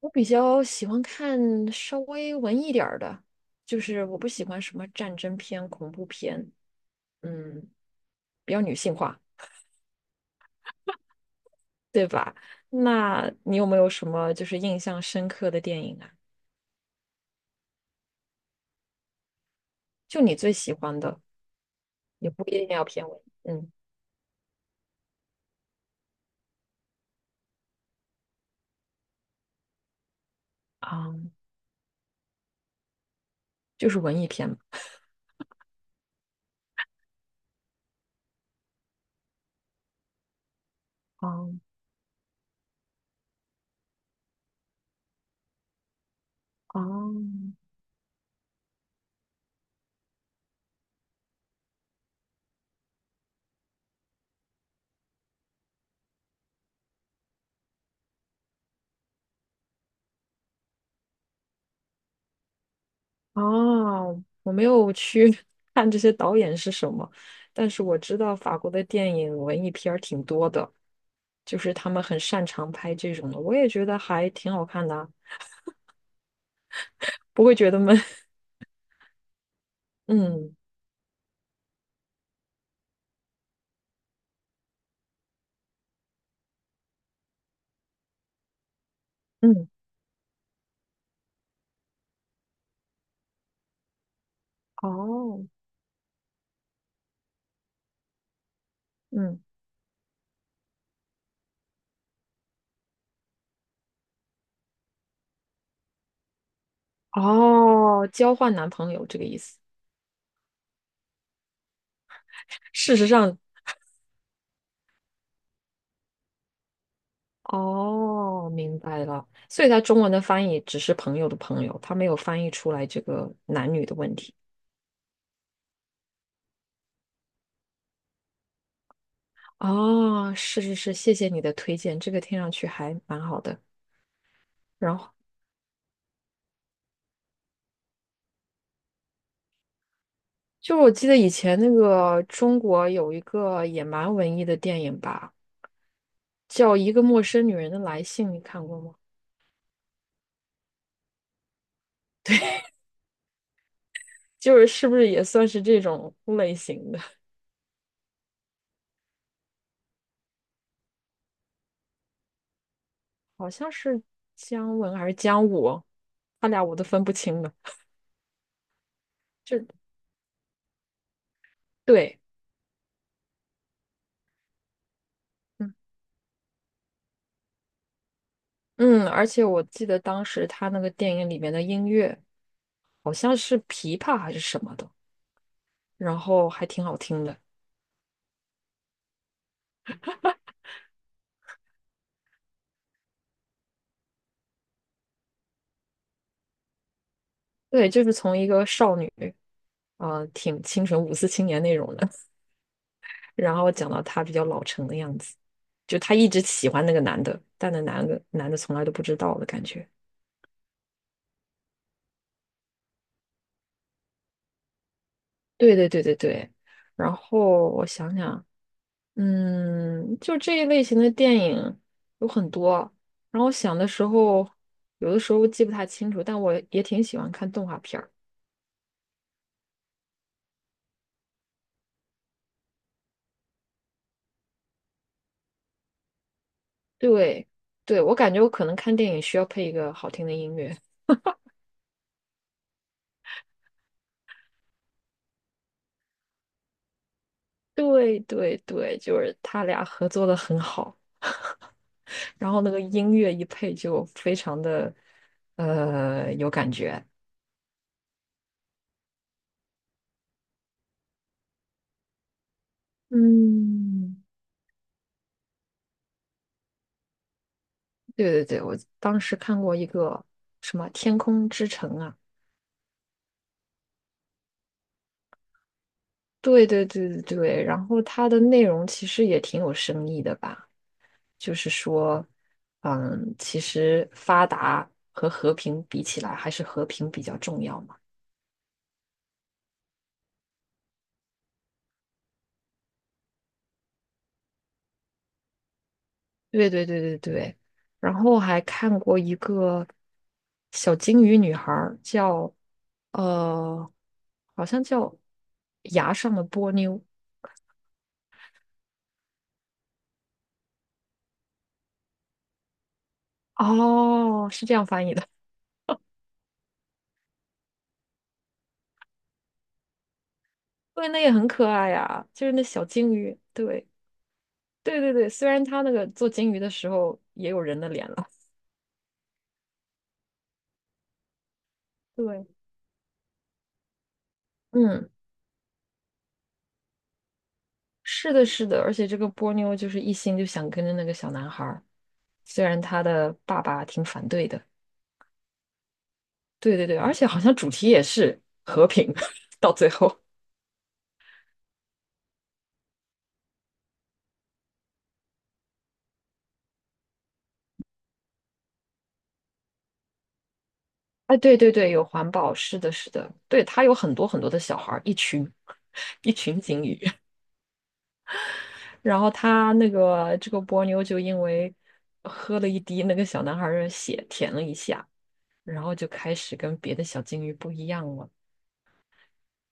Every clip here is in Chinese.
我比较喜欢看稍微文艺点儿的，就是我不喜欢什么战争片、恐怖片，嗯，比较女性化。那你有没有什么就是印象深刻的电影啊？就你最喜欢的，也不一定要偏文艺啊，就是文艺片嘛。哦哦，哦，我没有去 看这些导演是什么，但是我知道法国的电影文艺片儿挺多的，就是他们很擅长拍这种的，我也觉得还挺好看的啊，不会觉得闷。嗯嗯，哦，嗯哦，交换男朋友这个意思。事实上，哦，明白了，所以它中文的翻译只是朋友的朋友，它没有翻译出来这个男女的问题。哦，是是是，谢谢你的推荐，这个听上去还蛮好的。然后就我记得以前那个中国有一个也蛮文艺的电影吧，叫《一个陌生女人的来信》，你看过吗？就是是不是也算是这种类型的？好像是姜文还是姜武，他俩我都分不清了。就对，嗯嗯，而且我记得当时他那个电影里面的音乐好像是琵琶还是什么的，然后还挺好听的。对，就是从一个少女，挺清纯五四青年那种的，然后讲到她比较老成的样子，就她一直喜欢那个男的，但那男的从来都不知道的感觉。对对对对对。然后我想想，嗯，就这一类型的电影有很多，然后我想的时候，有的时候记不太清楚，但我也挺喜欢看动画片儿。对，对，我感觉我可能看电影需要配一个好听的音乐。对对对，就是他俩合作的很好，然后那个音乐一配就非常的有感觉。嗯，对对对，我当时看过一个什么《天空之城》啊，对对对对对，然后它的内容其实也挺有深意的吧，就是说，嗯，其实发达和和平比起来，还是和平比较重要嘛。对对对对对，然后还看过一个小金鱼女孩儿，叫呃，好像叫牙上的波妞，哦，是这样翻译的。对，那也很可爱呀，就是那小金鱼。对对对对，虽然它那个做金鱼的时候也有人的脸了。对，嗯，是的，是的，而且这个波妞就是一心就想跟着那个小男孩儿，虽然他的爸爸挺反对的。对对对，而且好像主题也是和平，到最后，哎，对对对，有环保，是的，是的，对，它有很多很多的小孩儿，一群 一群鲸鱼，然后他那个这个波妞就因为喝了一滴那个小男孩儿的血，舔了一下，然后就开始跟别的小鲸鱼不一样了，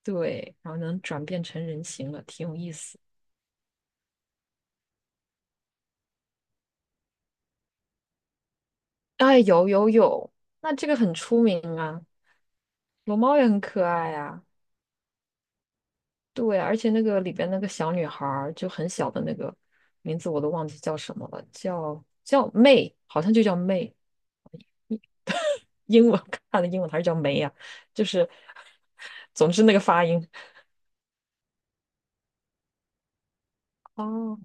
对，然后能转变成人形了，挺有意思。哎，有有有，那这个很出名啊，龙猫也很可爱啊。对，而且那个里边那个小女孩儿就很小的那个名字我都忘记叫什么了，叫 m 好像就叫 m 英文 看的英文还是叫梅呀、就是 总之那个发音。哦，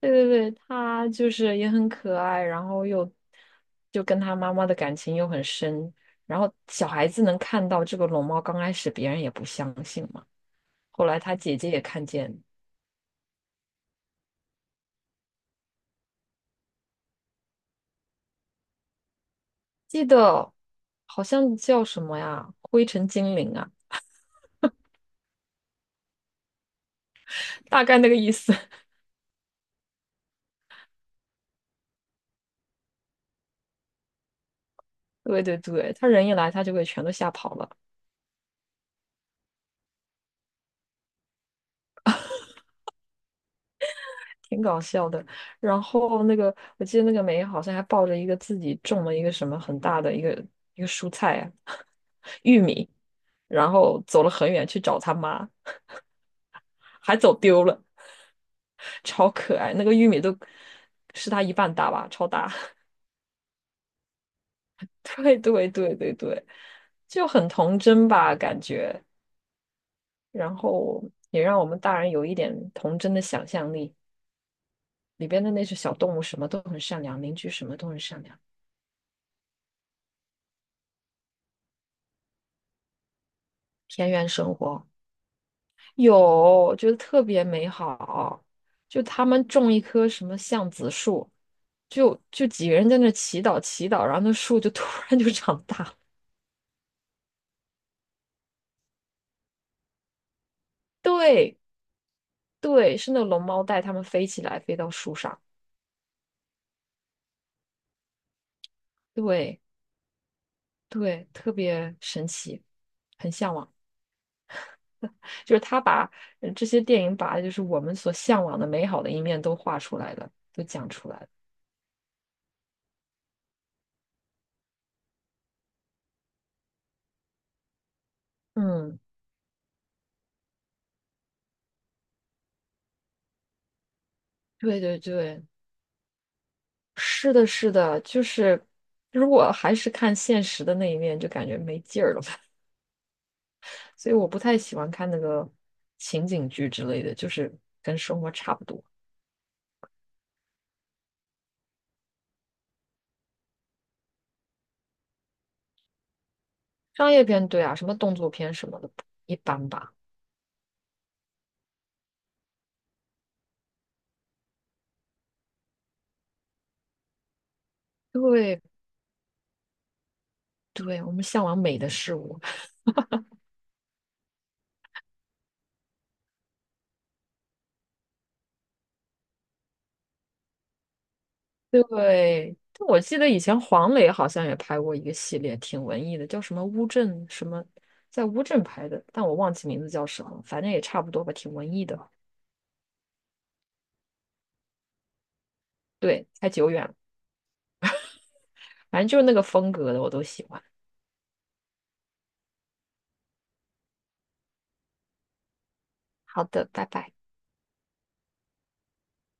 对对对，她就是也很可爱，然后又就跟他妈妈的感情又很深，然后小孩子能看到这个龙猫，刚开始别人也不相信嘛，后来他姐姐也看见，记得好像叫什么呀，灰尘精灵啊，大概那个意思。对对对，他人一来，他就给全都吓跑了，挺搞笑的。然后那个，我记得那个梅好像还抱着一个自己种了一个什么很大的一个一个蔬菜啊，玉米，然后走了很远去找他妈，还走丢了，超可爱。那个玉米都是他一半大吧，超大。对对对对对，就很童真吧，感觉。然后也让我们大人有一点童真的想象力。里边的那些小动物什么都很善良，邻居什么都很善良。田园生活有，我觉得特别美好。就他们种一棵什么橡子树，就几个人在那祈祷祈祷，然后那树就 突然就长大了。对对，是那龙猫带他们飞起来，飞到树上。对对，特别神奇，很向往。就是他把这些电影把就是我们所向往的美好的一面都画出来了，都讲出来了。嗯，对对对，是的，是的，就是如果还是看现实的那一面，就感觉没劲儿了吧。所以我不太喜欢看那个情景剧之类的，就是跟生活差不多。商业片，对啊，什么动作片什么的，一般吧。对对，我们向往美的事物。对，我记得以前黄磊好像也拍过一个系列，挺文艺的，叫什么乌镇什么，在乌镇拍的，但我忘记名字叫什么，反正也差不多吧，挺文艺的。对，太久远了，反正就是那个风格的，我都喜欢。好的，拜拜。